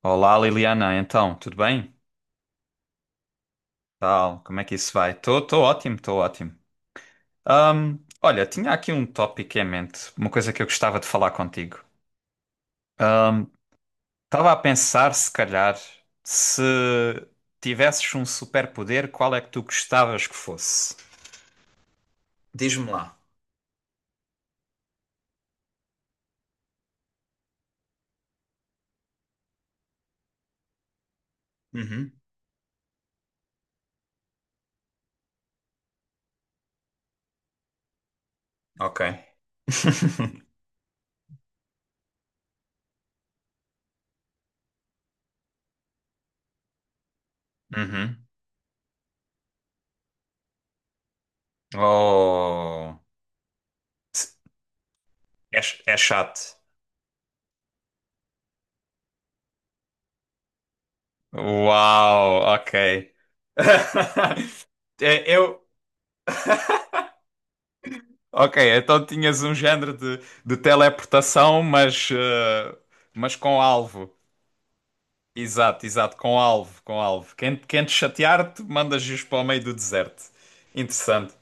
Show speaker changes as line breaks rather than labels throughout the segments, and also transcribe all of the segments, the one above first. Olá Liliana, então, tudo bem? Tal, como é que isso vai? Estou ótimo, estou ótimo. Olha, tinha aqui um tópico em mente, uma coisa que eu gostava de falar contigo. Estava a pensar, se calhar, se tivesses um superpoder, qual é que tu gostavas que fosse? Diz-me lá. Uhum, ok. Uhum. Oh, é, é chato. Uau, ok. É, eu. Ok, então tinhas um género de, teleportação, mas com alvo. Exato, exato, com alvo, com alvo. Quem te chatear, te mandas giros para o meio do deserto. Interessante.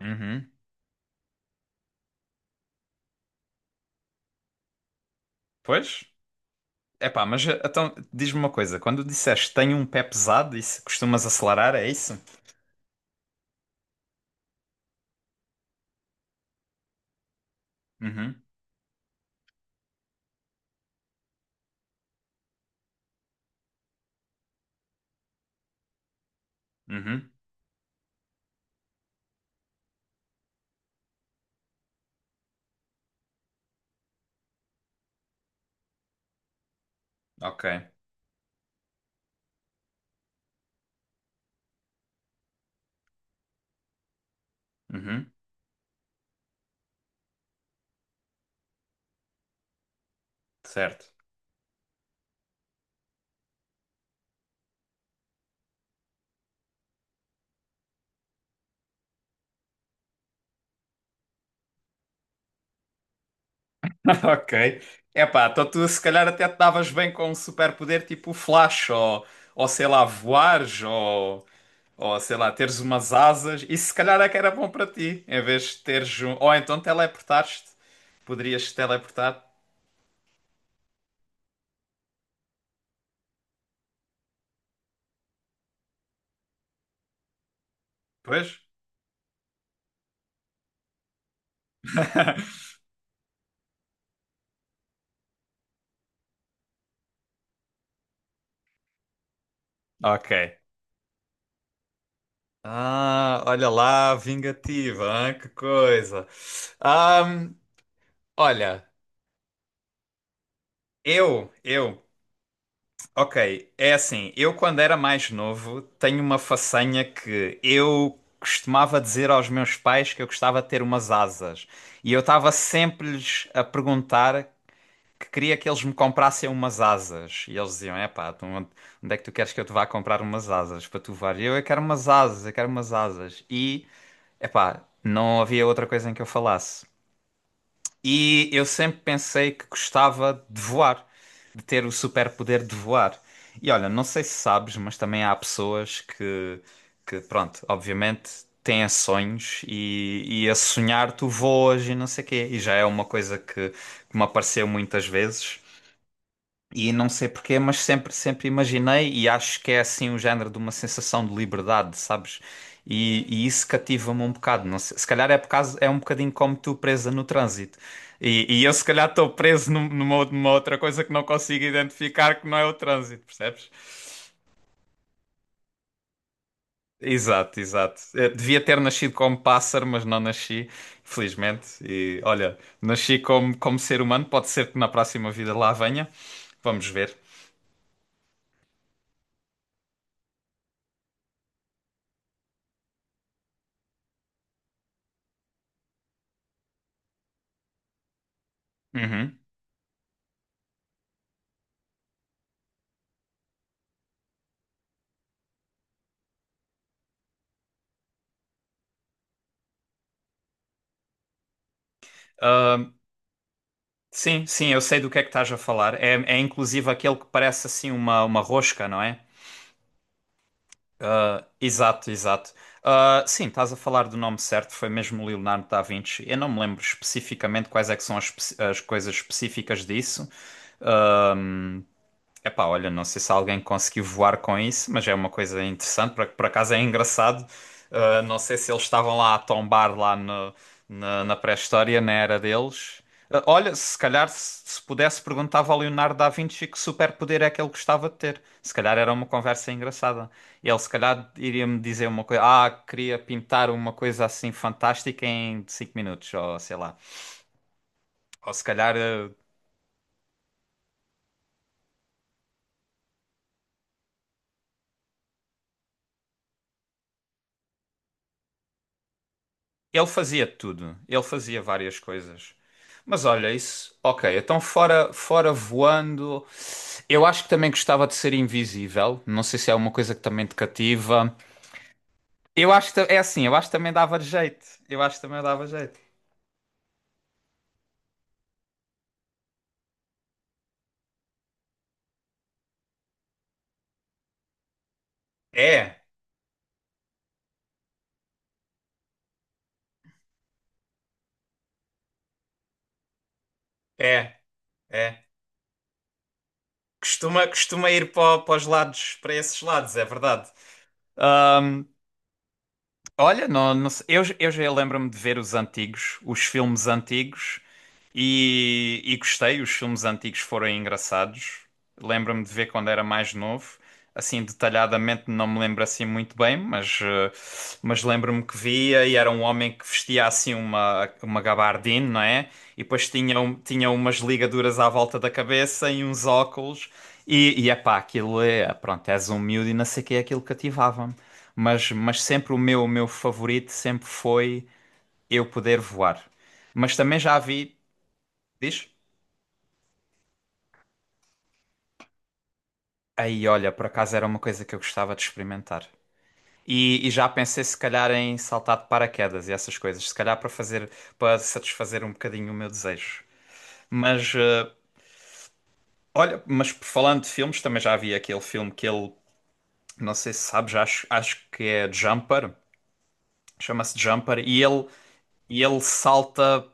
Uhum. Pois? Epá, então diz-me uma coisa: quando disseste tenho um pé pesado, isso costumas acelerar, é isso? Uhum, uhum, ok. Uhum, certo. Ok. Epá, então tu se calhar até te davas bem com um superpoder tipo o Flash, ou sei lá, voares, ou. Ou sei lá, teres umas asas, e se calhar é que era bom para ti, em vez de teres um. Ou então teleportaste, poderias teleportar. Pois? Ok. Ah, olha lá, vingativa, hein? Que coisa. Ahm, Olha, eu, ok, é assim, eu quando era mais novo tenho uma façanha que eu costumava dizer aos meus pais que eu gostava de ter umas asas. E eu estava sempre-lhes a perguntar que queria que eles me comprassem umas asas. E eles diziam: É pá, onde é que tu queres que eu te vá comprar umas asas para tu voar? E eu quero umas asas, eu quero umas asas. E é pá, não havia outra coisa em que eu falasse. E eu sempre pensei que gostava de voar, de ter o superpoder de voar. E olha, não sei se sabes, mas também há pessoas que, pronto, obviamente. Têm sonhos e a sonhar tu voas e não sei o quê. E já é uma coisa que me apareceu muitas vezes. E não sei porquê, mas sempre, sempre imaginei e acho que é assim o género de uma sensação de liberdade, sabes? E isso cativa-me um bocado. Não sei, se calhar é por causa, é um bocadinho como tu presa no trânsito. E eu se calhar estou preso numa outra coisa que não consigo identificar que não é o trânsito, percebes? Exato, exato. Devia ter nascido como pássaro, mas não nasci, felizmente. E olha, nasci como, ser humano, pode ser que na próxima vida lá venha. Vamos ver. Uhum. Sim, sim, eu sei do que é que estás a falar. É, é inclusive aquele que parece assim uma rosca, não é? Ah, exato, exato. Ah, sim, estás a falar do nome certo, foi mesmo Leonardo da Vinci. Eu não me lembro especificamente quais é que são as coisas específicas disso. Ah, epá, olha, não sei se alguém conseguiu voar com isso, mas é uma coisa interessante, por acaso é engraçado. Não sei se eles estavam lá a tombar lá na pré-história, na era deles. Olha, se calhar se pudesse perguntava ao Leonardo da Vinci que superpoder é que ele gostava de ter. Se calhar era uma conversa engraçada. Ele se calhar iria-me dizer uma coisa, queria pintar uma coisa assim fantástica em 5 minutos, ou sei lá. Ou se calhar. Ele fazia tudo, ele fazia várias coisas. Mas olha, isso, ok, então fora voando, eu acho que também gostava de ser invisível, não sei se é uma coisa que também te cativa. Eu acho que é assim, eu acho que também dava jeito, eu acho que também dava jeito. É, é, é. Costuma ir para, os lados, para esses lados, é verdade. Olha, não, não sei. Eu já lembro-me de ver os antigos, os filmes antigos, e gostei. Os filmes antigos foram engraçados. Lembro-me de ver quando era mais novo. Assim, detalhadamente não me lembro assim muito bem, mas lembro-me que via e era um homem que vestia assim uma gabardine, não é? E depois tinha umas ligaduras à volta da cabeça e uns óculos. E epá, aquilo é, pronto, és um miúdo e não sei o que é aquilo cativava, mas sempre o meu favorito sempre foi eu poder voar. Mas também já vi, diz? Aí, olha, por acaso era uma coisa que eu gostava de experimentar. E já pensei se calhar em saltar de paraquedas e essas coisas, se calhar para fazer, para satisfazer um bocadinho o meu desejo. Mas olha, mas falando de filmes, também já vi aquele filme que ele, não sei se sabes, acho que é Jumper, chama-se Jumper, e ele salta.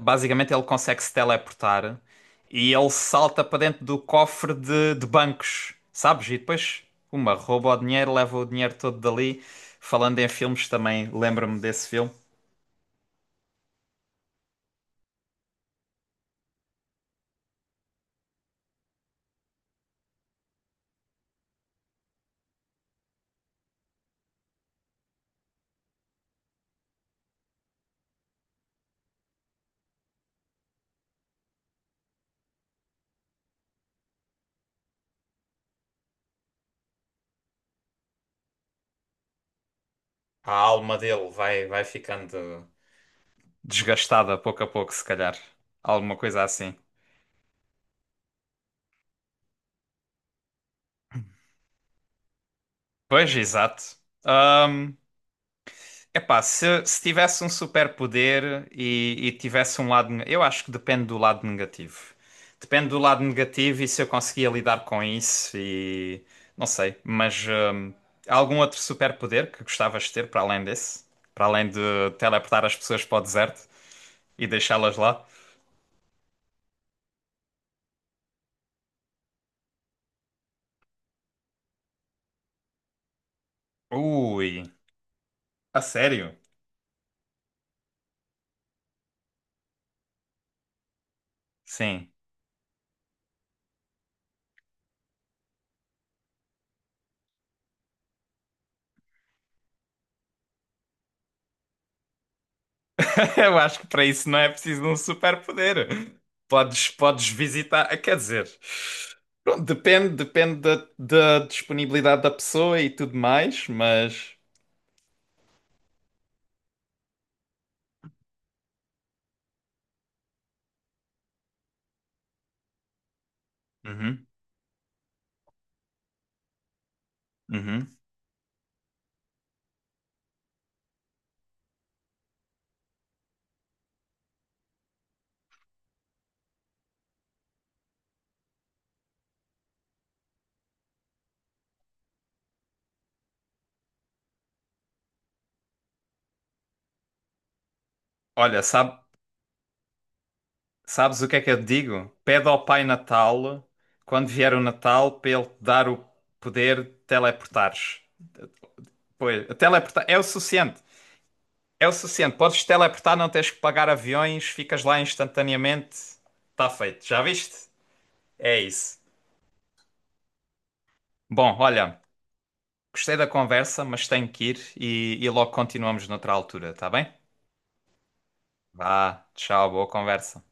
Basicamente, ele consegue se teleportar e ele salta para dentro do cofre de bancos, sabes? E depois, rouba o dinheiro, leva o dinheiro todo dali. Falando em filmes, também lembro-me desse filme. A alma dele vai ficando desgastada pouco a pouco, se calhar. Alguma coisa assim. Pois, exato. Epá, se tivesse um superpoder e tivesse um lado. Eu acho que depende do lado negativo. Depende do lado negativo e se eu conseguia lidar com isso e. Não sei, mas. Há algum outro superpoder que gostavas de ter para além desse? Para além de teleportar as pessoas para o deserto e deixá-las lá? Ui, a sério? Sim. Eu acho que para isso não é preciso de um superpoder. Podes visitar, quer dizer, pronto, depende da disponibilidade da pessoa e tudo mais, mas. Uhum, uhum. Olha, sabes o que é que eu te digo? Pede ao Pai Natal, quando vier o Natal, para ele te dar o poder de teleportares. Pois, teleportar é o suficiente. É o suficiente. Podes teleportar, não tens que pagar aviões, ficas lá instantaneamente. Está feito. Já viste? É isso. Bom, olha, gostei da conversa, mas tenho que ir e logo continuamos noutra altura, tá bem? Vá, tchau, boa conversa.